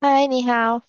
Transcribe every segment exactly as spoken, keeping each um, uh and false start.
嗨，你好。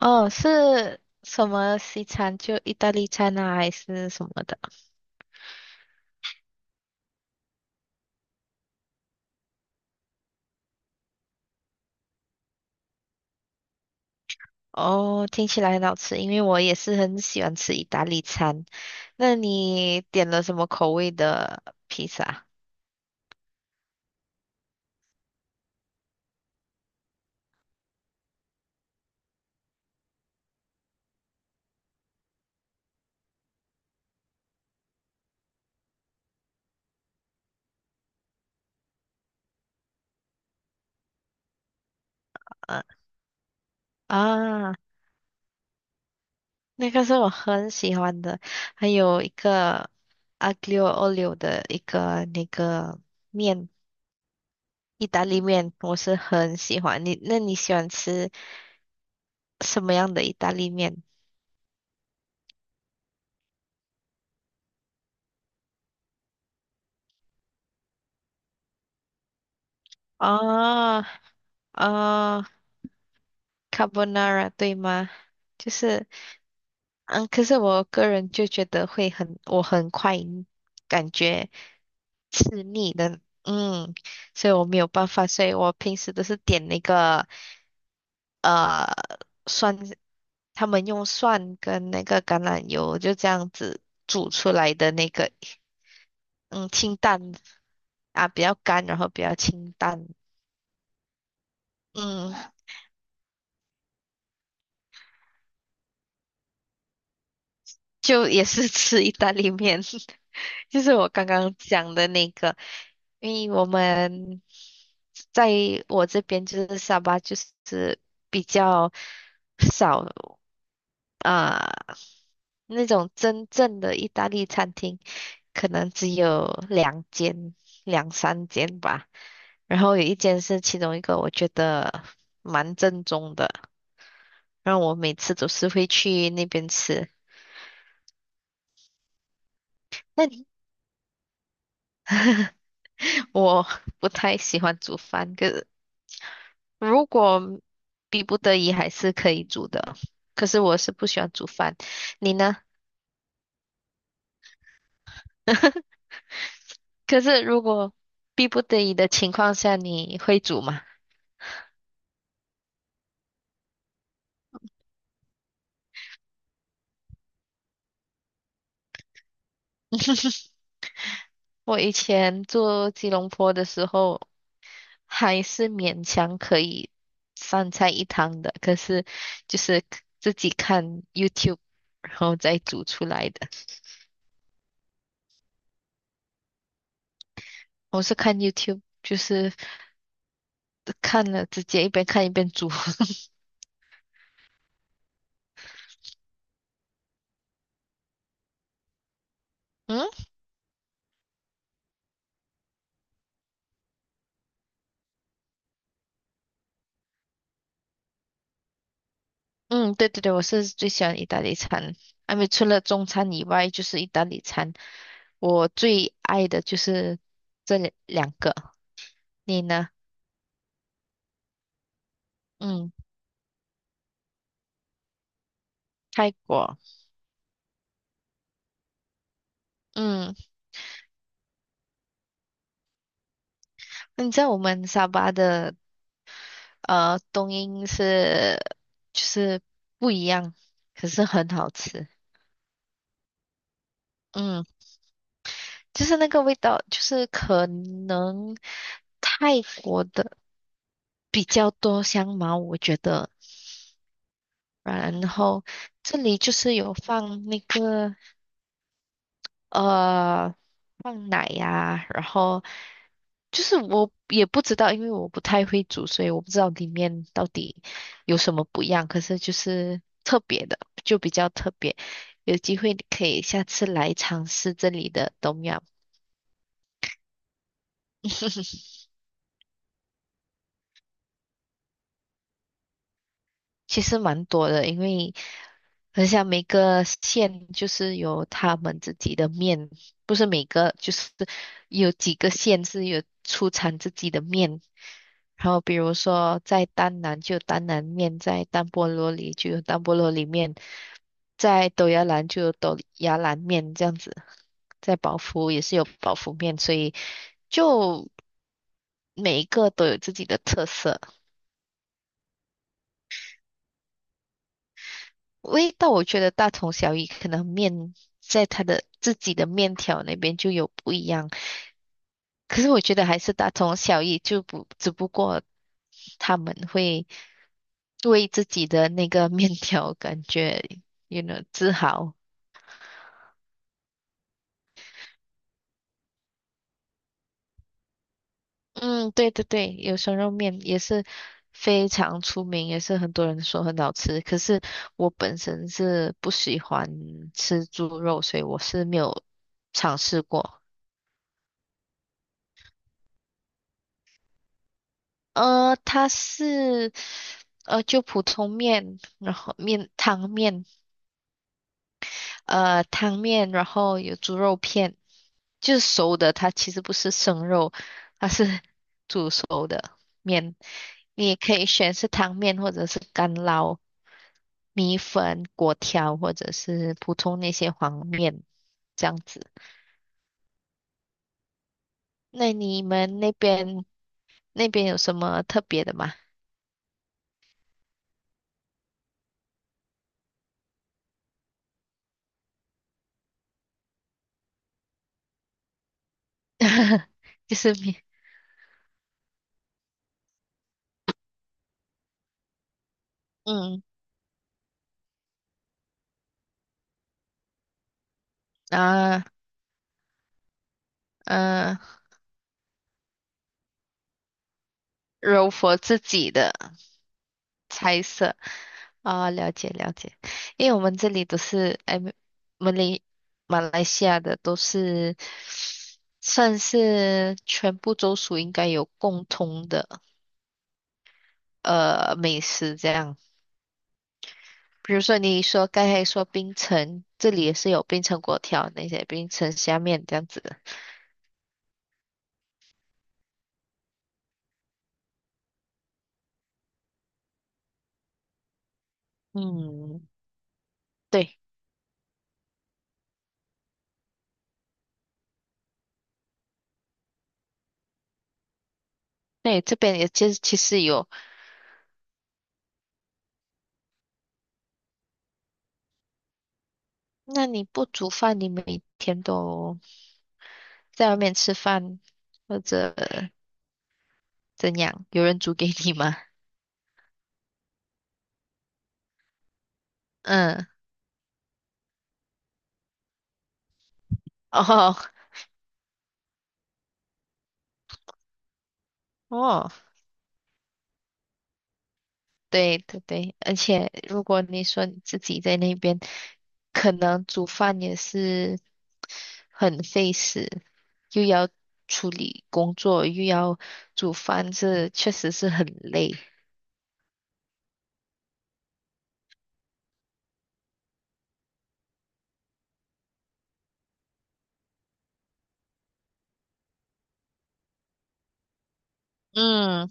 哦，是什么西餐？就意大利餐啊，还是什么的？哦，听起来很好吃，因为我也是很喜欢吃意大利餐。那你点了什么口味的披萨？嗯啊，那个是我很喜欢的，还有一个 aglio olio 的一个那个面，意大利面，我是很喜欢。你，那你喜欢吃什么样的意大利面？啊啊。哦 carbonara 对吗？就是，嗯，可是我个人就觉得会很，我很快感觉吃腻的，嗯，所以我没有办法，所以我平时都是点那个呃蒜，他们用蒜跟那个橄榄油就这样子煮出来的那个，嗯，清淡啊，比较干，然后比较清淡，嗯，就也是吃意大利面，就是我刚刚讲的那个，因为我们在我这边就是沙巴，就是比较少啊、那种真正的意大利餐厅，可能只有两间、两三间吧。然后有一间是其中一个，我觉得蛮正宗的，然后我每次都是会去那边吃。那你？我不太喜欢煮饭，可是如果逼不得已还是可以煮的。可是我是不喜欢煮饭，你呢？可是如果逼不得已的情况下，你会煮吗？我以前做吉隆坡的时候，还是勉强可以三菜一汤的，可是就是自己看 YouTube，然后再煮出来的。我是看 YouTube，就是看了直接一边看一边煮。嗯。嗯，对对对，我是最喜欢意大利餐，因为除了中餐以外，就是意大利餐。我最爱的就是这两两个，你呢？嗯，泰国，嗯，那你知道我们沙巴的呃冬阴是就是不一样，可是很好吃。嗯，就是那个味道，就是可能泰国的比较多香茅，我觉得。然后这里就是有放那个呃放奶呀、然后就是我也不知道，因为我不太会煮，所以我不知道里面到底有什么不一样。可是就是特别的，就比较特别，有机会你可以下次来尝试这里的东阳。其实蛮多的，因为很像每个县就是有他们自己的面，不是每个就是有几个县是有出产自己的面。然后比如说在丹南就有丹南面，在丹波罗里就有丹波罗里面，在斗芽兰就有斗芽兰面这样子，在宝福也是有宝福面，所以就每一个都有自己的特色。味道我觉得大同小异，可能面在它的自己的面条那边就有不一样，可是我觉得还是大同小异，就不只不过他们会为自己的那个面条感觉，you know，自豪。嗯，对对对，有生肉面也是非常出名，也是很多人说很好吃。可是我本身是不喜欢吃猪肉，所以我是没有尝试过。呃，它是呃就普通面，然后面汤面，呃汤面，然后有猪肉片，就是熟的，它其实不是生肉，它是煮熟的面。你也可以选是汤面或者是干捞米粉、粿条，或者是普通那些黄面这样子。那你们那边那边有什么特别的吗？就是面，嗯啊。嗯，柔佛自己的猜测啊，了解了解，因为我们这里都是哎，们来马来西亚的都是算是全部州属应该有共通的呃美食这样，比如说你说刚才说槟城，这里也是有槟城粿条那些槟城虾面这样子的，嗯，对，对，这边也其实其实有，那你不煮饭，你每天都在外面吃饭或者怎样，有人煮给你吗？嗯，哦哦，对对对，而且如果你说你自己在那边，可能煮饭也是很费时，又要处理工作，又要煮饭，这确实是很累。嗯，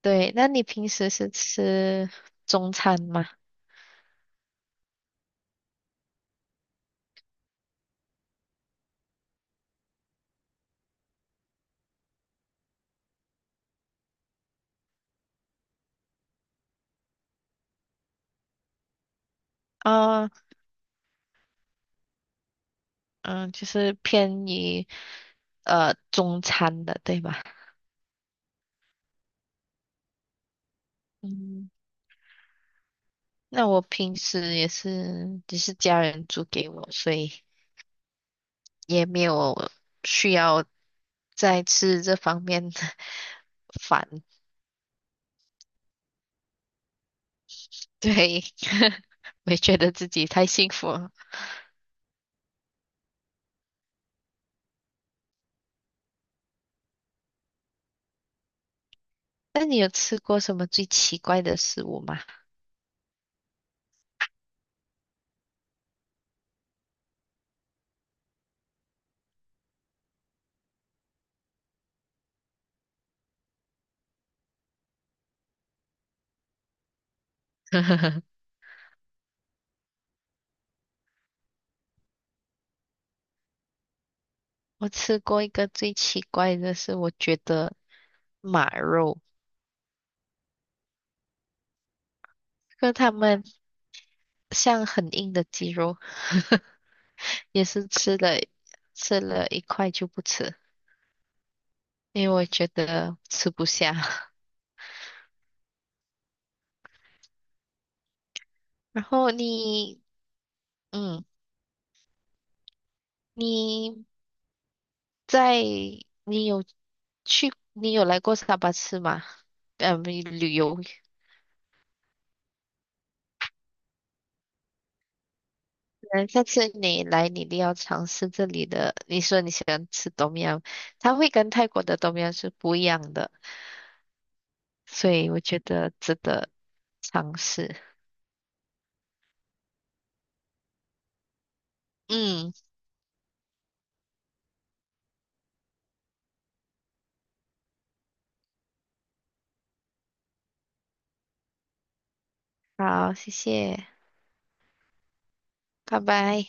对，那你平时是吃中餐吗？啊，嗯，就是偏于呃中餐的，对吧？嗯，那我平时也是，只是家人煮给我，所以也没有需要再吃这方面的 饭。对，我也觉得自己太幸福了。那你有吃过什么最奇怪的食物吗？我吃过一个最奇怪的是，我觉得马肉，就他们像很硬的鸡肉，也是吃了吃了一块就不吃，因为我觉得吃不下。然后你，嗯，你在，你有去，你有来过沙巴吃吗？呃，旅旅游。嗯，下次你来，你一定要尝试这里的。你说你喜欢吃 tom yum，它会跟泰国的 t o 是不一样的，所以我觉得值得尝试。嗯，好，谢谢，拜拜。